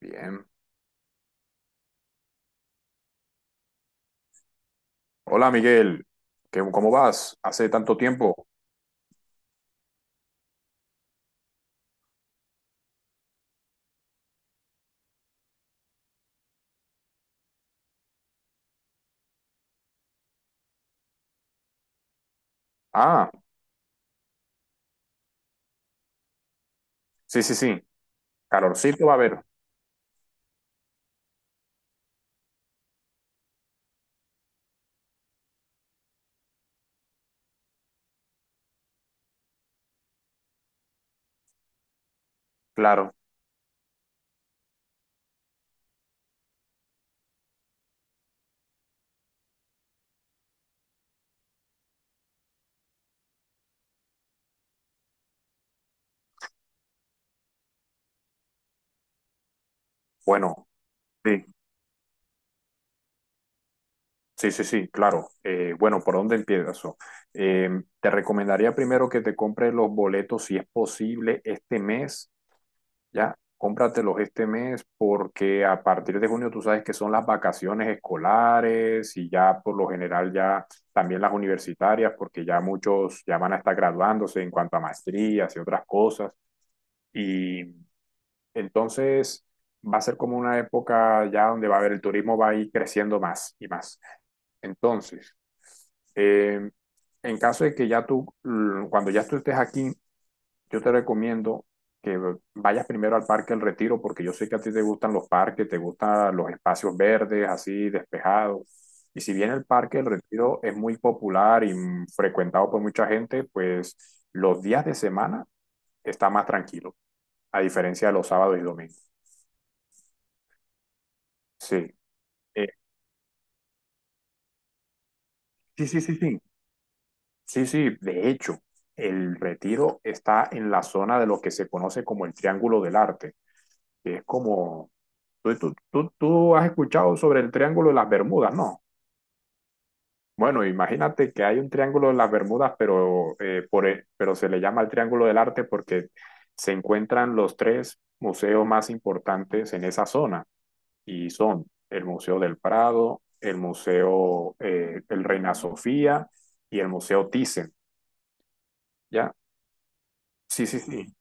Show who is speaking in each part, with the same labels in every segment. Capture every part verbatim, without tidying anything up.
Speaker 1: Bien. Hola Miguel, ¿Qué- ¿cómo vas? Hace tanto tiempo. Ah, sí, sí, sí. Calorcito va a haber, claro. Bueno, sí, sí, sí, sí, claro. Eh, bueno, ¿por dónde empiezo? Eh, te recomendaría primero que te compres los boletos, si es posible, este mes. Ya, cómpratelos este mes porque a partir de junio tú sabes que son las vacaciones escolares y ya por lo general ya también las universitarias porque ya muchos ya van a estar graduándose en cuanto a maestrías y otras cosas. Y entonces va a ser como una época ya donde va a haber, el turismo va a ir creciendo más y más. Entonces, eh, en caso de que ya tú, mm, cuando ya tú estés aquí, yo te recomiendo que vayas primero al Parque El Retiro, porque yo sé que a ti te gustan los parques, te gustan los espacios verdes, así despejados. Y si bien el Parque El Retiro es muy popular y mm, frecuentado por mucha gente, pues los días de semana está más tranquilo, a diferencia de los sábados y domingos. Sí. Eh, sí, sí, sí, sí. Sí, sí, de hecho, el Retiro está en la zona de lo que se conoce como el Triángulo del Arte, que es como. Tú, tú, tú- tú has escuchado sobre el Triángulo de las Bermudas, ¿no? Bueno, imagínate que hay un Triángulo de las Bermudas, pero, eh, por, e- pero se le llama el Triángulo del Arte porque se encuentran los tres museos más importantes en esa zona, y son el Museo del Prado, el Museo eh, el Reina Sofía y el Museo Thyssen, ¿ya? Sí, sí, sí.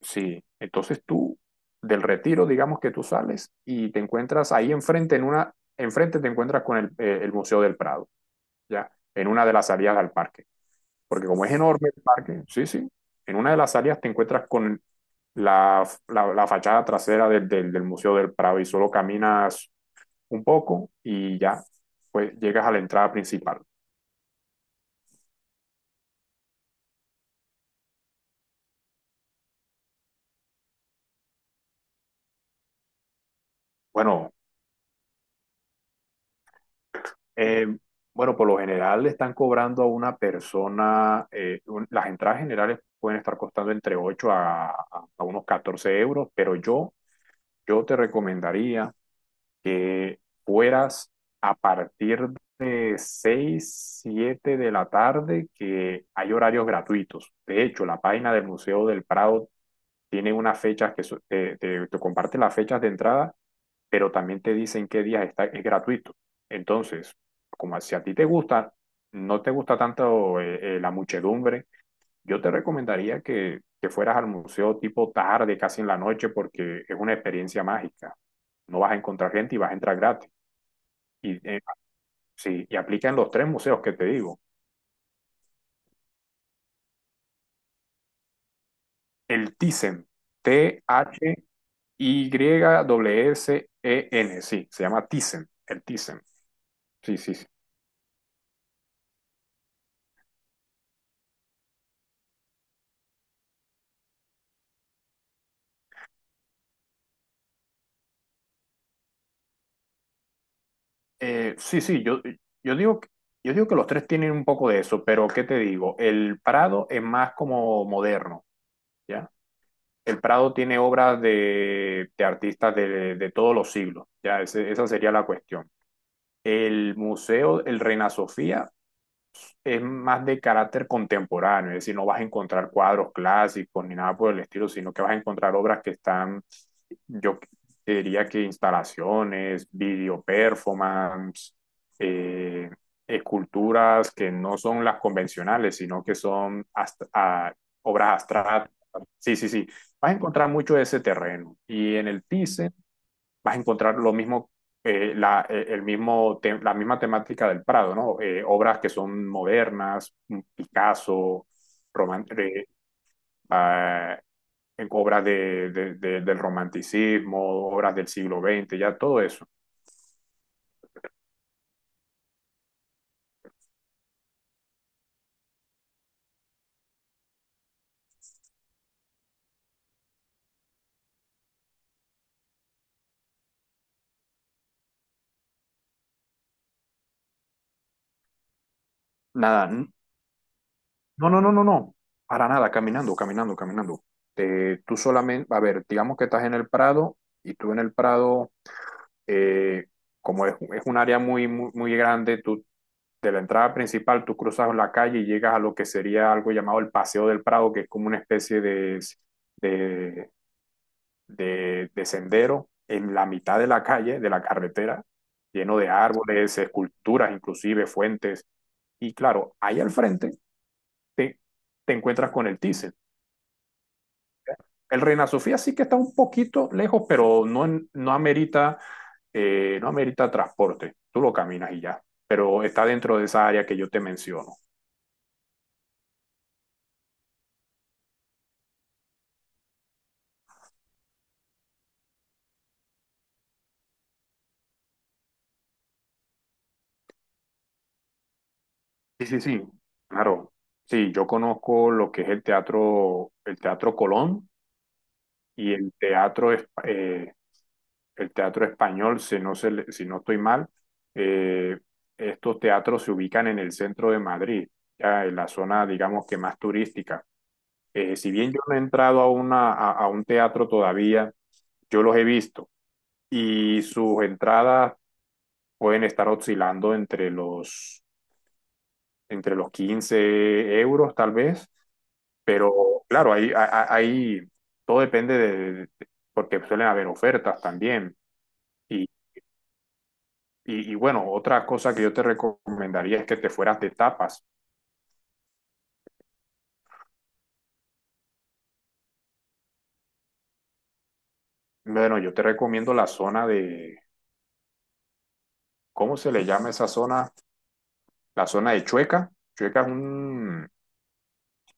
Speaker 1: Sí, entonces tú, del Retiro, digamos que tú sales y te encuentras ahí enfrente, en una, enfrente te encuentras con el, eh, el Museo del Prado, ¿ya? En una de las salidas al parque, porque como es enorme el parque, sí, sí, en una de las salidas te encuentras con la, la, la fachada trasera del, del, del Museo del Prado, y solo caminas un poco y ya, pues llegas a la entrada principal. Bueno, Eh, bueno, por lo general le están cobrando a una persona, eh, un- las entradas generales pueden estar costando entre ocho a, a- a unos catorce euros, pero yo, yo te recomendaría que fueras a partir de seis siete de la tarde, que hay horarios gratuitos. De hecho, la página del Museo del Prado tiene unas fechas que so- te, te te comparte las fechas de entrada, pero también te dicen qué días está, es gratuito. Entonces, como si a ti te gusta, no te gusta tanto eh, eh, la muchedumbre, yo te recomendaría que, que fueras al museo tipo tarde, casi en la noche, porque es una experiencia mágica. No vas a encontrar gente y vas a entrar gratis. Y, eh, sí, y aplica en los tres museos que te digo. El Thyssen, T-H-Y-S-E-N, sí, se llama Thyssen, el Thyssen. Sí, sí, sí. Eh, sí, sí, yo, yo digo, que- yo digo que los tres tienen un poco de eso, pero ¿qué te digo? El Prado es más como moderno, ¿ya? El Prado tiene obras de, de artistas de, de todos los siglos, ¿ya? Ese- esa sería la cuestión. El Museo, el Reina Sofía, es más de carácter contemporáneo, es decir, no vas a encontrar cuadros clásicos ni nada por el estilo, sino que vas a encontrar obras que están, yo diría que instalaciones, video performance, eh, esculturas que no son las convencionales, sino que son hasta, a, obras abstractas. Sí, sí, sí. Vas a encontrar mucho de ese terreno. Y en el T I C E vas a encontrar lo mismo, eh, la, eh, el mismo te- la misma temática del Prado, ¿no? Eh, obras que son modernas, Picasso, roman- eh, ah, en obras de- de- de- del romanticismo, obras del siglo veinte, ya todo eso. Nada, n- no, no, no, no, no, para nada, caminando, caminando, caminando. Te- tú solamente, a ver, digamos que estás en el Prado, y tú en el Prado, eh, como es, es un área muy, muy, muy grande, tú de la entrada principal, tú cruzas la calle y llegas a lo que sería algo llamado el Paseo del Prado, que es como una especie de, de, de, de sendero en la mitad de la calle, de la carretera, lleno de árboles, esculturas, inclusive fuentes. Y claro, ahí al frente te, te encuentras con el Thyssen. El Reina Sofía sí que está un poquito lejos, pero no, en- no amerita, eh, no amerita transporte. Tú lo caminas y ya. Pero está dentro de esa área que yo te menciono. Sí, sí, sí, claro. Sí, yo conozco lo que es el teatro, el Teatro Colón y el teatro, es- eh, el Teatro Español, si no, se le- si no estoy mal. Eh, estos teatros se ubican en el centro de Madrid, ya en la zona, digamos que más turística. Eh, si bien yo no he entrado a, una, a, a un teatro todavía, yo los he visto y sus entradas pueden estar oscilando entre los, entre los quince euros, tal vez. Pero claro, ahí, a- a- ahí todo depende de, de- porque suelen haber ofertas también. Y, y, y bueno, otra cosa que yo te recomendaría es que te fueras de tapas. Bueno, yo te recomiendo la zona de, ¿cómo se le llama esa zona? La zona de Chueca. Chueca es un,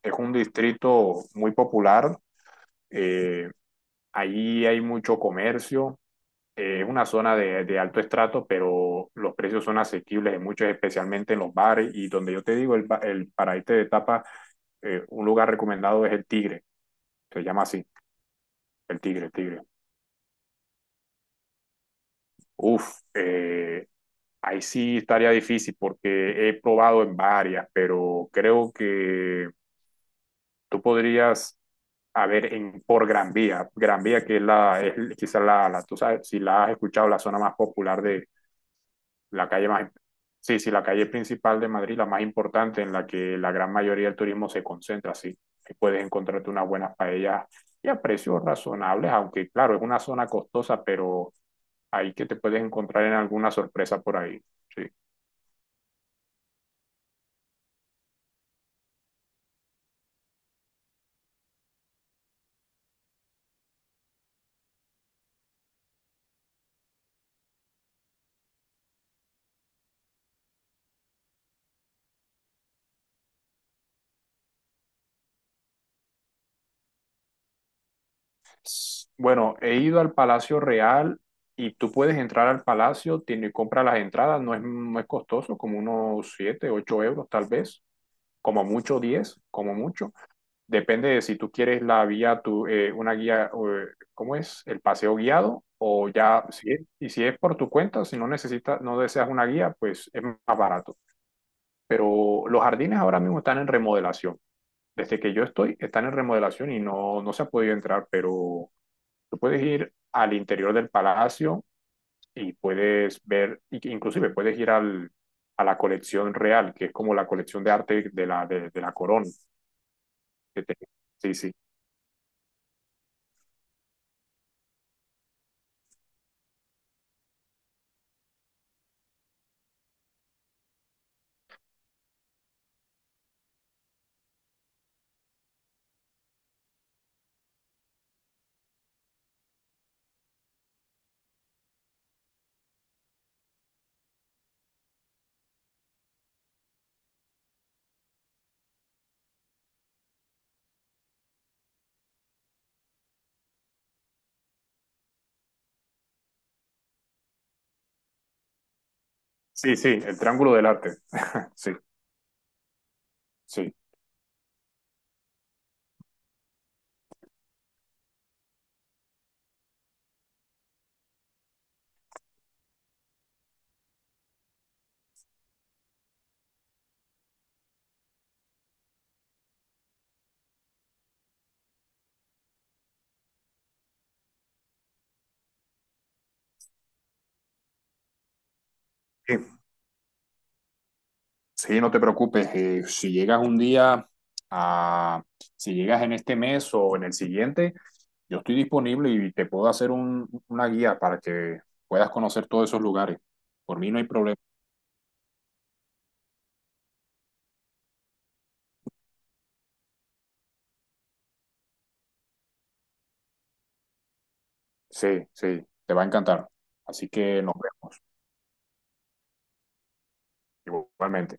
Speaker 1: es un distrito muy popular. eh, Ahí hay mucho comercio. Eh, es una zona de, de alto estrato, pero los precios son asequibles en muchos, especialmente en los bares. Y donde yo te digo, el, ba- el para irte de tapa, eh, un lugar recomendado es el Tigre. Se llama así, el Tigre, el Tigre. Uf, eh, ahí sí estaría difícil porque he probado en varias, pero creo que tú podrías, a ver, en, por Gran Vía. Gran Vía que es la, es quizás la, la, tú sabes, si la has escuchado, la zona más popular de, la calle más, sí, sí, la calle principal de Madrid, la más importante, en la que la gran mayoría del turismo se concentra, sí. Que puedes encontrarte unas buenas paellas y a precios razonables, aunque claro, es una zona costosa, pero ahí que te puedes encontrar en alguna sorpresa por ahí. Sí. S- Bueno, he ido al Palacio Real y tú puedes entrar al palacio, tiene, compra las entradas, no es, no es costoso, como unos siete ocho euros tal vez, como mucho diez, como mucho. Depende de si tú quieres la guía, tu, eh, una guía, eh, ¿cómo es? El paseo guiado o ya, si es- y si es por tu cuenta, si no necesitas, no deseas una guía, pues es más barato. Pero los jardines ahora mismo están en remodelación. Desde que yo estoy, están en remodelación y no, no se ha podido entrar, pero tú puedes ir al interior del palacio y puedes ver, y que inclusive puedes ir al, a la colección real, que es como la colección de arte de la, de, de la corona. que te- Sí, sí. Sí, sí, el Triángulo del Arte. Sí, sí. Eh, Sí, no te preocupes. eh, si llegas un día a, si llegas en este mes o en el siguiente, yo estoy disponible y te puedo hacer un- una guía para que puedas conocer todos esos lugares. Por mí no hay problema. Sí, sí, te va a encantar. Así que nos vemos. Igualmente.